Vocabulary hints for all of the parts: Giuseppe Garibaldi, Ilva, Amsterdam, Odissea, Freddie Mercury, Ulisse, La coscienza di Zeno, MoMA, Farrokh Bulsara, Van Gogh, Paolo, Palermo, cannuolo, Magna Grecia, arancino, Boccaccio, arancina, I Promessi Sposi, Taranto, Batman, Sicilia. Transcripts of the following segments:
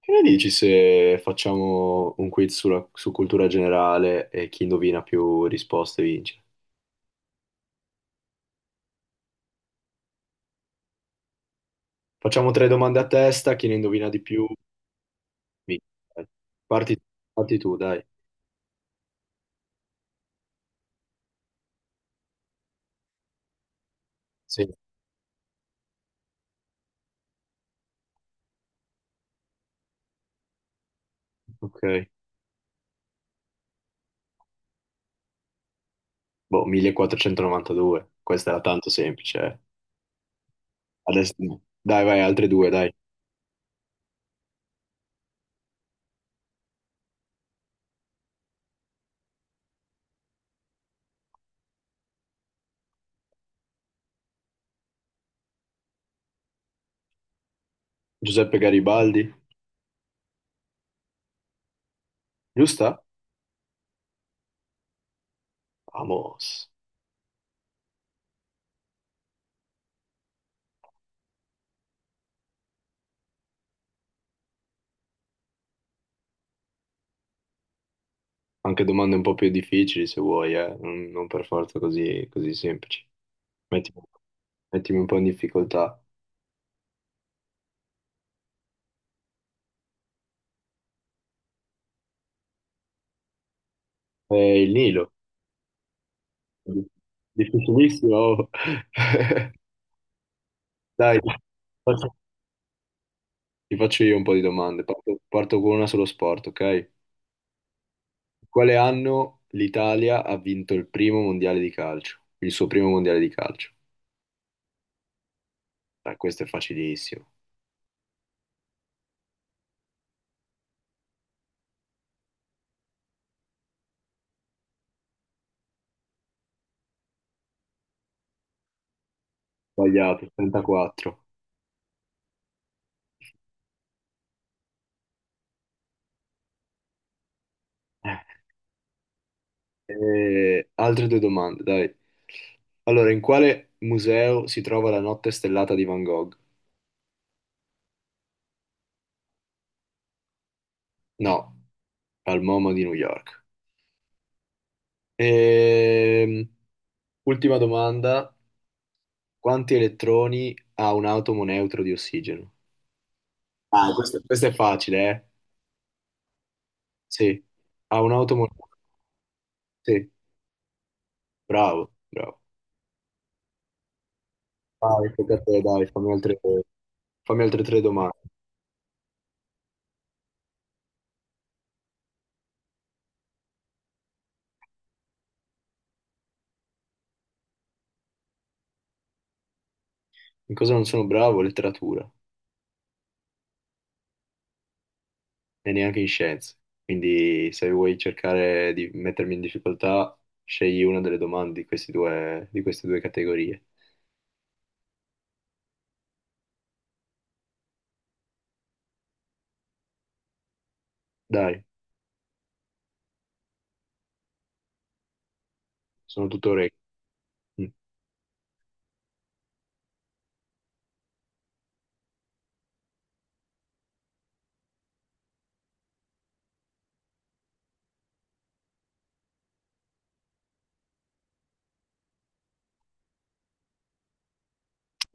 Che ne dici se facciamo su cultura generale e chi indovina più risposte vince? Facciamo tre domande a testa, chi ne indovina di più vince. Dai. Parti, parti tu, dai. Sì, ok. Boh, 1492, questa era tanto semplice, eh. Adesso no. Dai, vai, altre due, dai. Giuseppe Garibaldi, giusta? Vamos. Anche domande un po' più difficili se vuoi, eh. Non per forza così semplici. Mettimi, mettimi un po' in difficoltà. Il Nilo. Difficilissimo. Dai, faccio ti faccio io un po' di domande. Parto con una sullo sport, ok? In quale anno l'Italia ha vinto il primo mondiale di calcio? Il suo primo mondiale di calcio? Dai, questo è facilissimo. Sbagliato, 34. Altre due domande, dai. Allora, in quale museo si trova la notte stellata di Van Gogh? No, al MoMA di New York. Ehm, Ultima domanda, quanti elettroni ha un atomo neutro di ossigeno? Ah, questo... questo è facile, eh? Sì, ha un atomo... Sì, bravo, bravo. Vai, tocca a te, dai, fammi altre tre domande. In cosa non sono bravo? Letteratura e neanche in scienze. Quindi se vuoi cercare di mettermi in difficoltà, scegli una delle domande di questi due- di queste due categorie. Dai, sono tutto orecchio. Mm.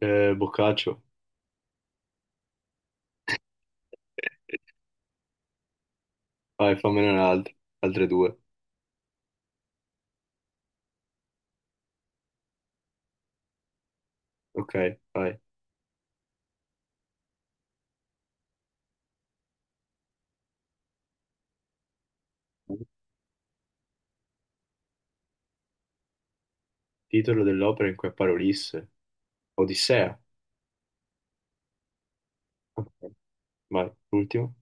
Boccaccio. Vai, fammene un'altra, altre due. Ok, vai. Titolo dell'opera in cui appare Ulisse. Odissea. Ok, vai, l'ultimo.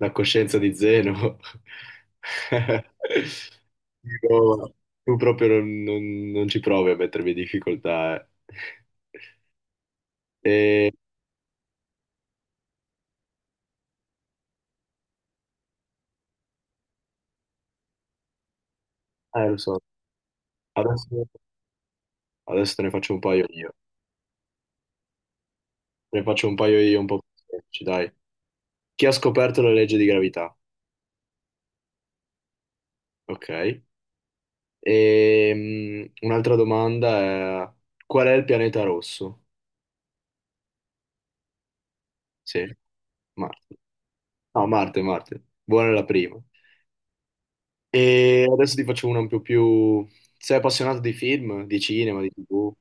La coscienza di Zeno. Dico, ma tu proprio non ci provi a mettermi in difficoltà. E- lo so. Adesso, adesso te ne faccio un paio io. Te ne faccio un paio io un po' più semplici, dai. Chi ha scoperto la legge di gravità? Ok. E mm, un'altra domanda è qual è il pianeta rosso? Sì, Marte. No, Marte, Marte. Buona la prima. E adesso ti faccio una un po' più... Sei appassionato di film, di cinema, di TV?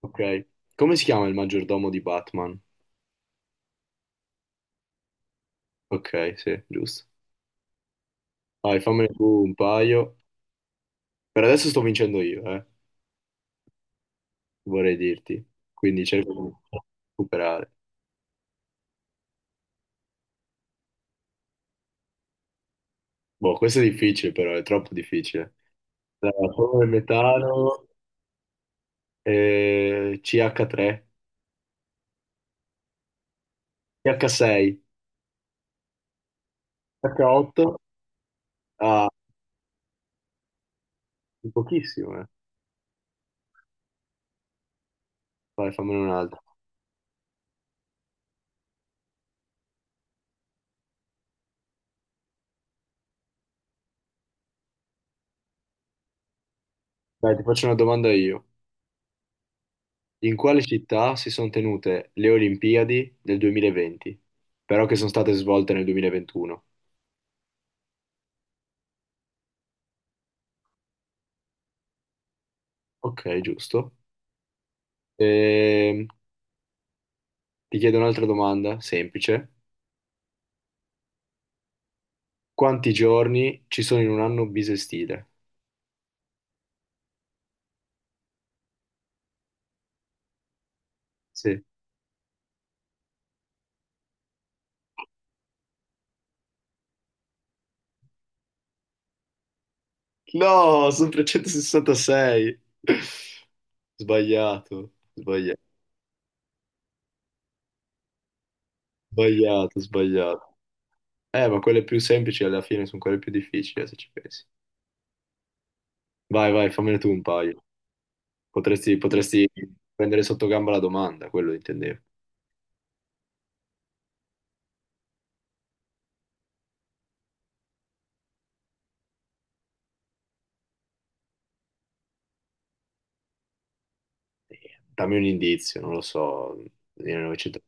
Ok. Come si chiama il maggiordomo di Batman? Ok, sì, giusto. Dai, fammene tu un paio. Per adesso sto vincendo io, vorrei dirti. Quindi cerco di recuperare. Boh, questo è difficile però, è troppo difficile. Allora, polvere metano, CH3, CH6, CH8, ah, pochissimo, eh. Vai, fammene un'altra. Dai, ti faccio una domanda io. In quale città si sono tenute le Olimpiadi del 2020, però che sono state svolte nel 2021? Ok, giusto. Ehm, ti chiedo un'altra domanda, semplice. Quanti giorni ci sono in un anno bisestile? Sì. No, sono 366. Sbagliato, sbagliato. Sbagliato, sbagliato. Ma quelle più semplici alla fine sono quelle più difficili, se ci pensi. Vai, vai, fammene tu un paio. Potresti prendere sotto gamba la domanda, quello intendevo. Dammi un indizio, non lo so. 1900.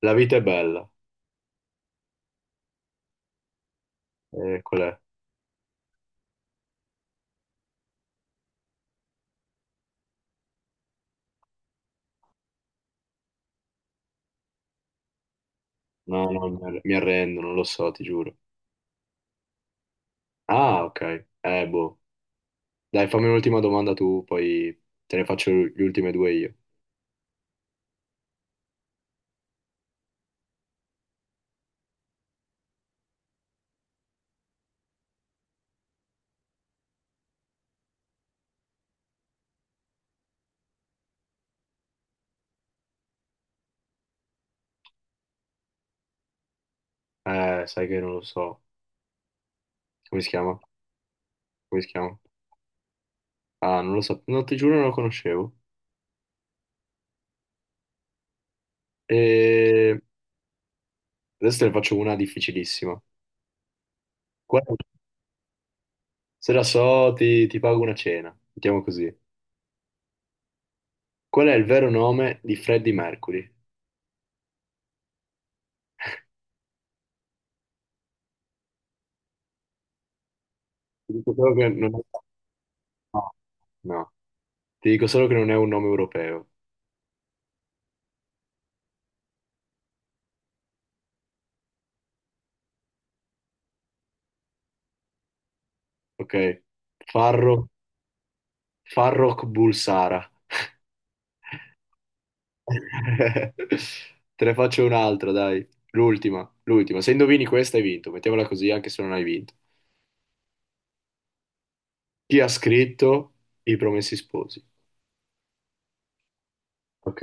La vita è bella. Qual è? No, no, mi arrendo, non lo so, ti giuro. Ah, ok. Boh. Dai, fammi un'ultima domanda tu, poi te ne faccio le ultime due io. Sai che non lo so. Come si chiama? Come si chiama? Ah, non lo so. No, ti giuro non lo conoscevo. E adesso te ne faccio una difficilissima. Qual- Se la so, ti pago una cena. Mettiamo così. Qual è il vero nome di Freddie Mercury? Ti dico solo che non è... No, no. Ti dico solo che non è un nome europeo. Ok? Farro... Farrokh Bulsara. Te ne faccio un'altra, dai. L'ultima, l'ultima. Se indovini questa hai vinto. Mettiamola così, anche se non hai vinto. Chi ha scritto I Promessi Sposi? Ok.